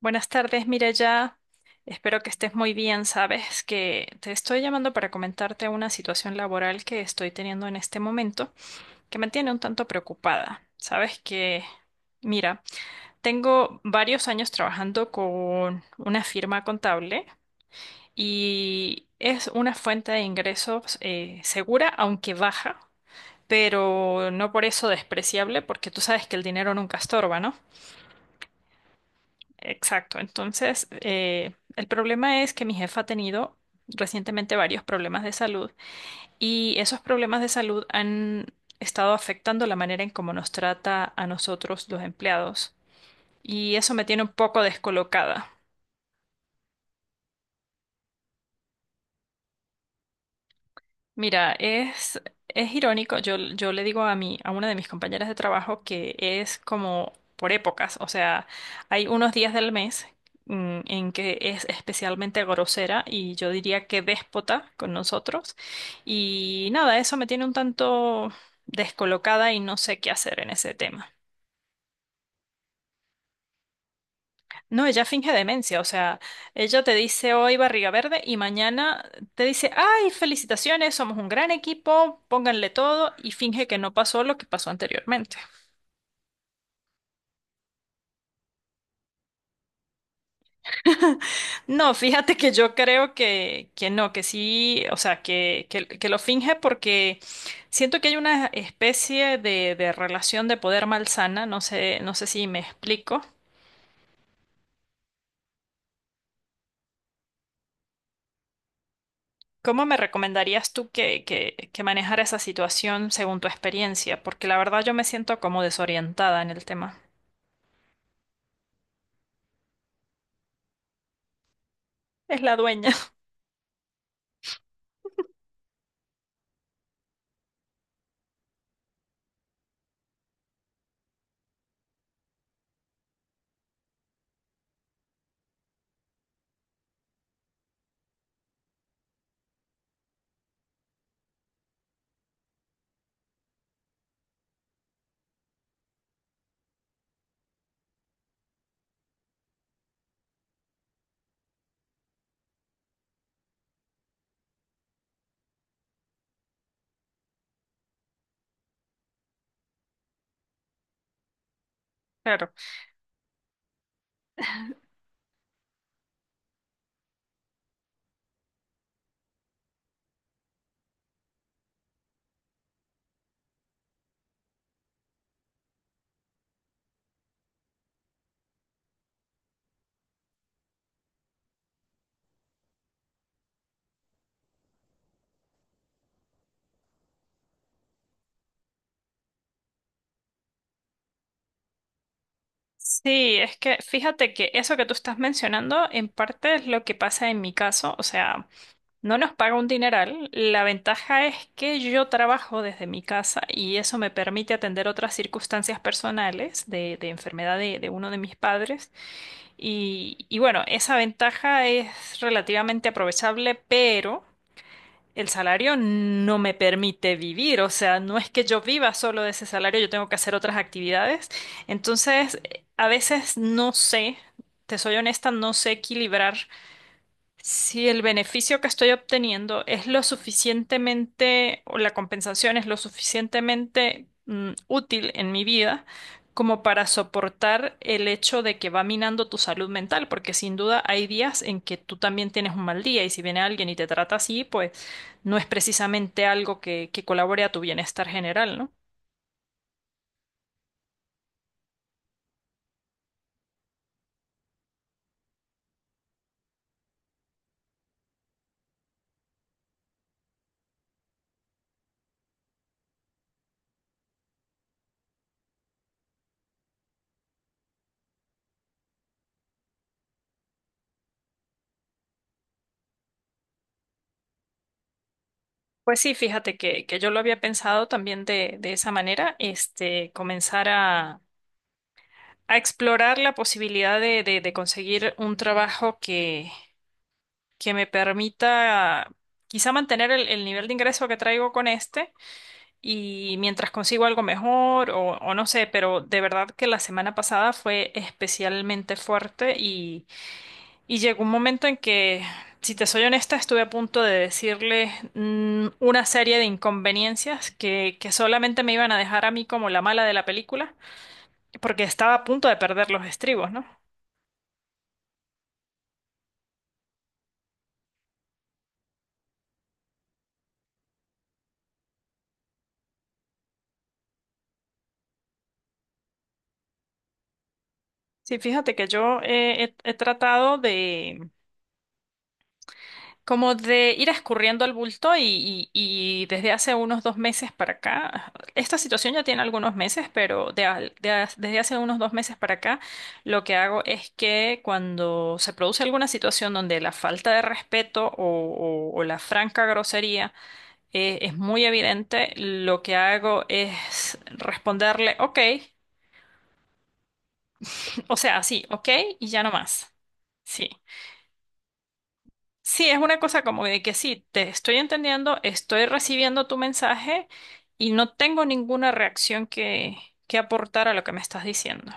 Buenas tardes, Miraya. Espero que estés muy bien. Sabes que te estoy llamando para comentarte una situación laboral que estoy teniendo en este momento que me tiene un tanto preocupada. Sabes que, mira, tengo varios años trabajando con una firma contable y es una fuente de ingresos segura, aunque baja, pero no por eso despreciable, porque tú sabes que el dinero nunca estorba, ¿no? Exacto. Entonces, el problema es que mi jefa ha tenido recientemente varios problemas de salud y esos problemas de salud han estado afectando la manera en cómo nos trata a nosotros los empleados y eso me tiene un poco descolocada. Mira, es irónico, yo le digo a mí, a una de mis compañeras de trabajo que es como por épocas, o sea, hay unos días del mes en que es especialmente grosera y yo diría que déspota con nosotros y nada, eso me tiene un tanto descolocada y no sé qué hacer en ese tema. No, ella finge demencia, o sea, ella te dice hoy barriga verde y mañana te dice, ay, felicitaciones, somos un gran equipo, pónganle todo y finge que no pasó lo que pasó anteriormente. No, fíjate que yo creo que no, que sí, o sea, que lo finge porque siento que hay una especie de relación de poder malsana, no sé, no sé si me explico. ¿Cómo me recomendarías tú que manejara esa situación según tu experiencia? Porque la verdad yo me siento como desorientada en el tema. Es la dueña. Claro. Sí, es que fíjate que eso que tú estás mencionando en parte es lo que pasa en mi caso. O sea, no nos paga un dineral. La ventaja es que yo trabajo desde mi casa y eso me permite atender otras circunstancias personales de enfermedad de uno de mis padres. Y bueno, esa ventaja es relativamente aprovechable, pero el salario no me permite vivir, o sea, no es que yo viva solo de ese salario, yo tengo que hacer otras actividades. Entonces, a veces no sé, te soy honesta, no sé equilibrar si el beneficio que estoy obteniendo es lo suficientemente, o la compensación es lo suficientemente útil en mi vida como para soportar el hecho de que va minando tu salud mental, porque sin duda hay días en que tú también tienes un mal día y si viene alguien y te trata así, pues no es precisamente algo que colabore a tu bienestar general, ¿no? Pues sí, fíjate que yo lo había pensado también de esa manera, este, comenzar a explorar la posibilidad de conseguir un trabajo que me permita quizá mantener el nivel de ingreso que traigo con este y mientras consigo algo mejor o no sé, pero de verdad que la semana pasada fue especialmente fuerte y llegó un momento en que, si te soy honesta, estuve a punto de decirle una serie de inconveniencias que solamente me iban a dejar a mí como la mala de la película porque estaba a punto de perder los estribos, ¿no? Sí, fíjate que yo he tratado de como de ir escurriendo el bulto y desde hace unos dos meses para acá, esta situación ya tiene algunos meses, pero de al- de as- desde hace unos dos meses para acá, lo que hago es que cuando se produce alguna situación donde la falta de respeto o la franca grosería es muy evidente, lo que hago es responderle, ok, o sea, sí, ok y ya no más. Sí. Sí, es una cosa como de que sí, te estoy entendiendo, estoy recibiendo tu mensaje y no tengo ninguna reacción que aportar a lo que me estás diciendo.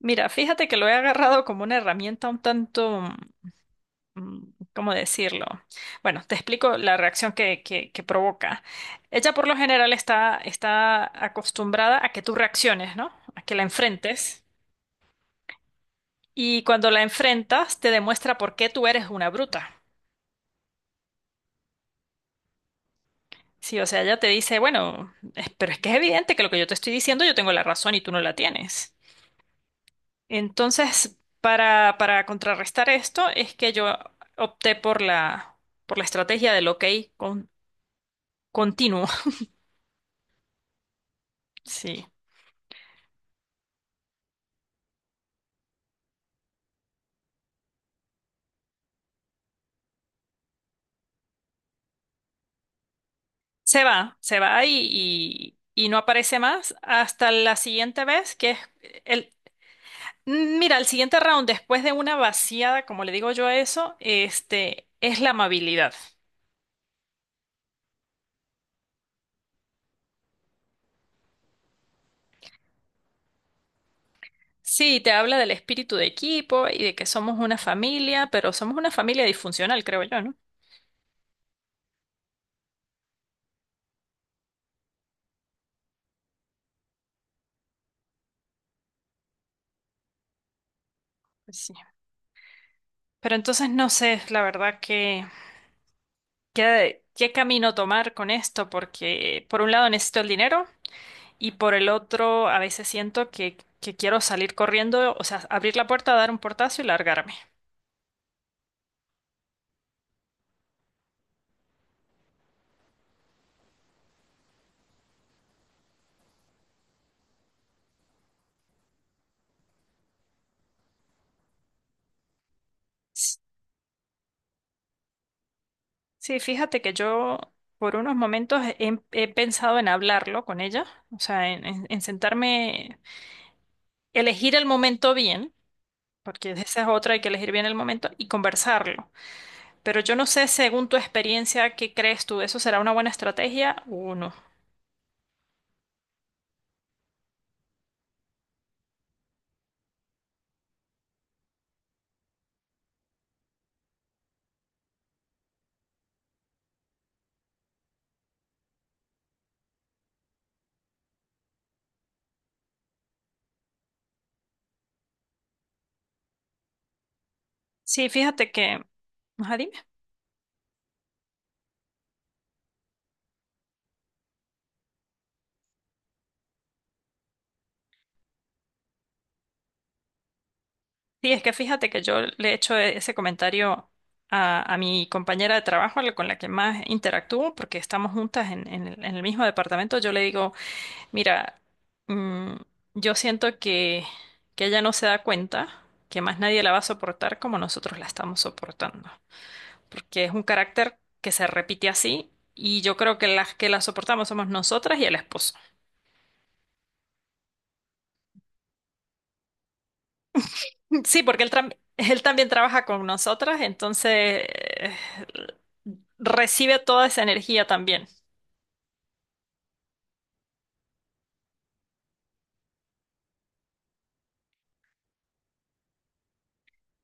Mira, fíjate que lo he agarrado como una herramienta un tanto, mm, ¿cómo decirlo? Bueno, te explico la reacción que provoca. Ella por lo general está acostumbrada a que tú reacciones, ¿no? A que la enfrentes. Y cuando la enfrentas, te demuestra por qué tú eres una bruta. Sí, o sea, ella te dice, bueno, pero es que es evidente que lo que yo te estoy diciendo yo tengo la razón y tú no la tienes. Entonces, para contrarrestar esto es que yo opté por por la estrategia del ok con, continuo. Sí. Se va y no aparece más hasta la siguiente vez, que es el... Mira, el siguiente round, después de una vaciada, como le digo yo a eso, este, es la amabilidad. Sí, te habla del espíritu de equipo y de que somos una familia, pero somos una familia disfuncional, creo yo, ¿no? Pues sí. Pero entonces no sé, la verdad, que qué camino tomar con esto, porque por un lado necesito el dinero y por el otro a veces siento que quiero salir corriendo, o sea, abrir la puerta, dar un portazo y largarme. S- Sí, fíjate que yo por unos momentos he pensado en hablarlo con ella, o sea, en sentarme, elegir el momento bien porque esa es otra, hay que elegir bien el momento y conversarlo. Pero yo no sé, según tu experiencia, ¿qué crees tú? ¿Eso será una buena estrategia o no? Sí, fíjate que... Ajá, dime. Sí, es que fíjate que yo le he hecho ese comentario a mi compañera de trabajo, con la que más interactúo, porque estamos juntas en, en el mismo departamento. Yo le digo, mira, mm, yo siento que ella no se da cuenta que más nadie la va a soportar como nosotros la estamos soportando. Porque es un carácter que se repite así y yo creo que las que la soportamos somos nosotras y el esposo. Sí, porque él, él también trabaja con nosotras, entonces recibe toda esa energía también.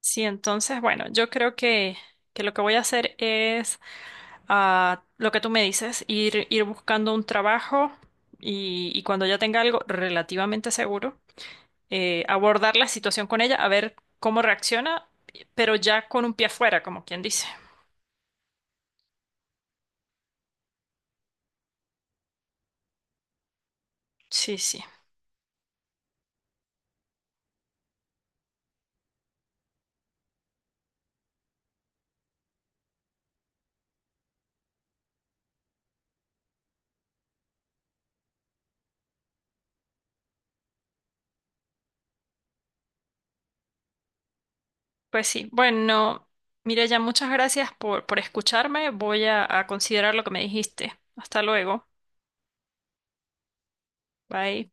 Sí, entonces, bueno, yo creo que lo que voy a hacer es lo que tú me dices, ir, ir buscando un trabajo y cuando ya tenga algo relativamente seguro, abordar la situación con ella, a ver cómo reacciona, pero ya con un pie afuera, como quien dice. Sí, sí. Pues sí. Bueno, mira ya muchas gracias por escucharme. Voy a considerar lo que me dijiste. Hasta luego. Bye.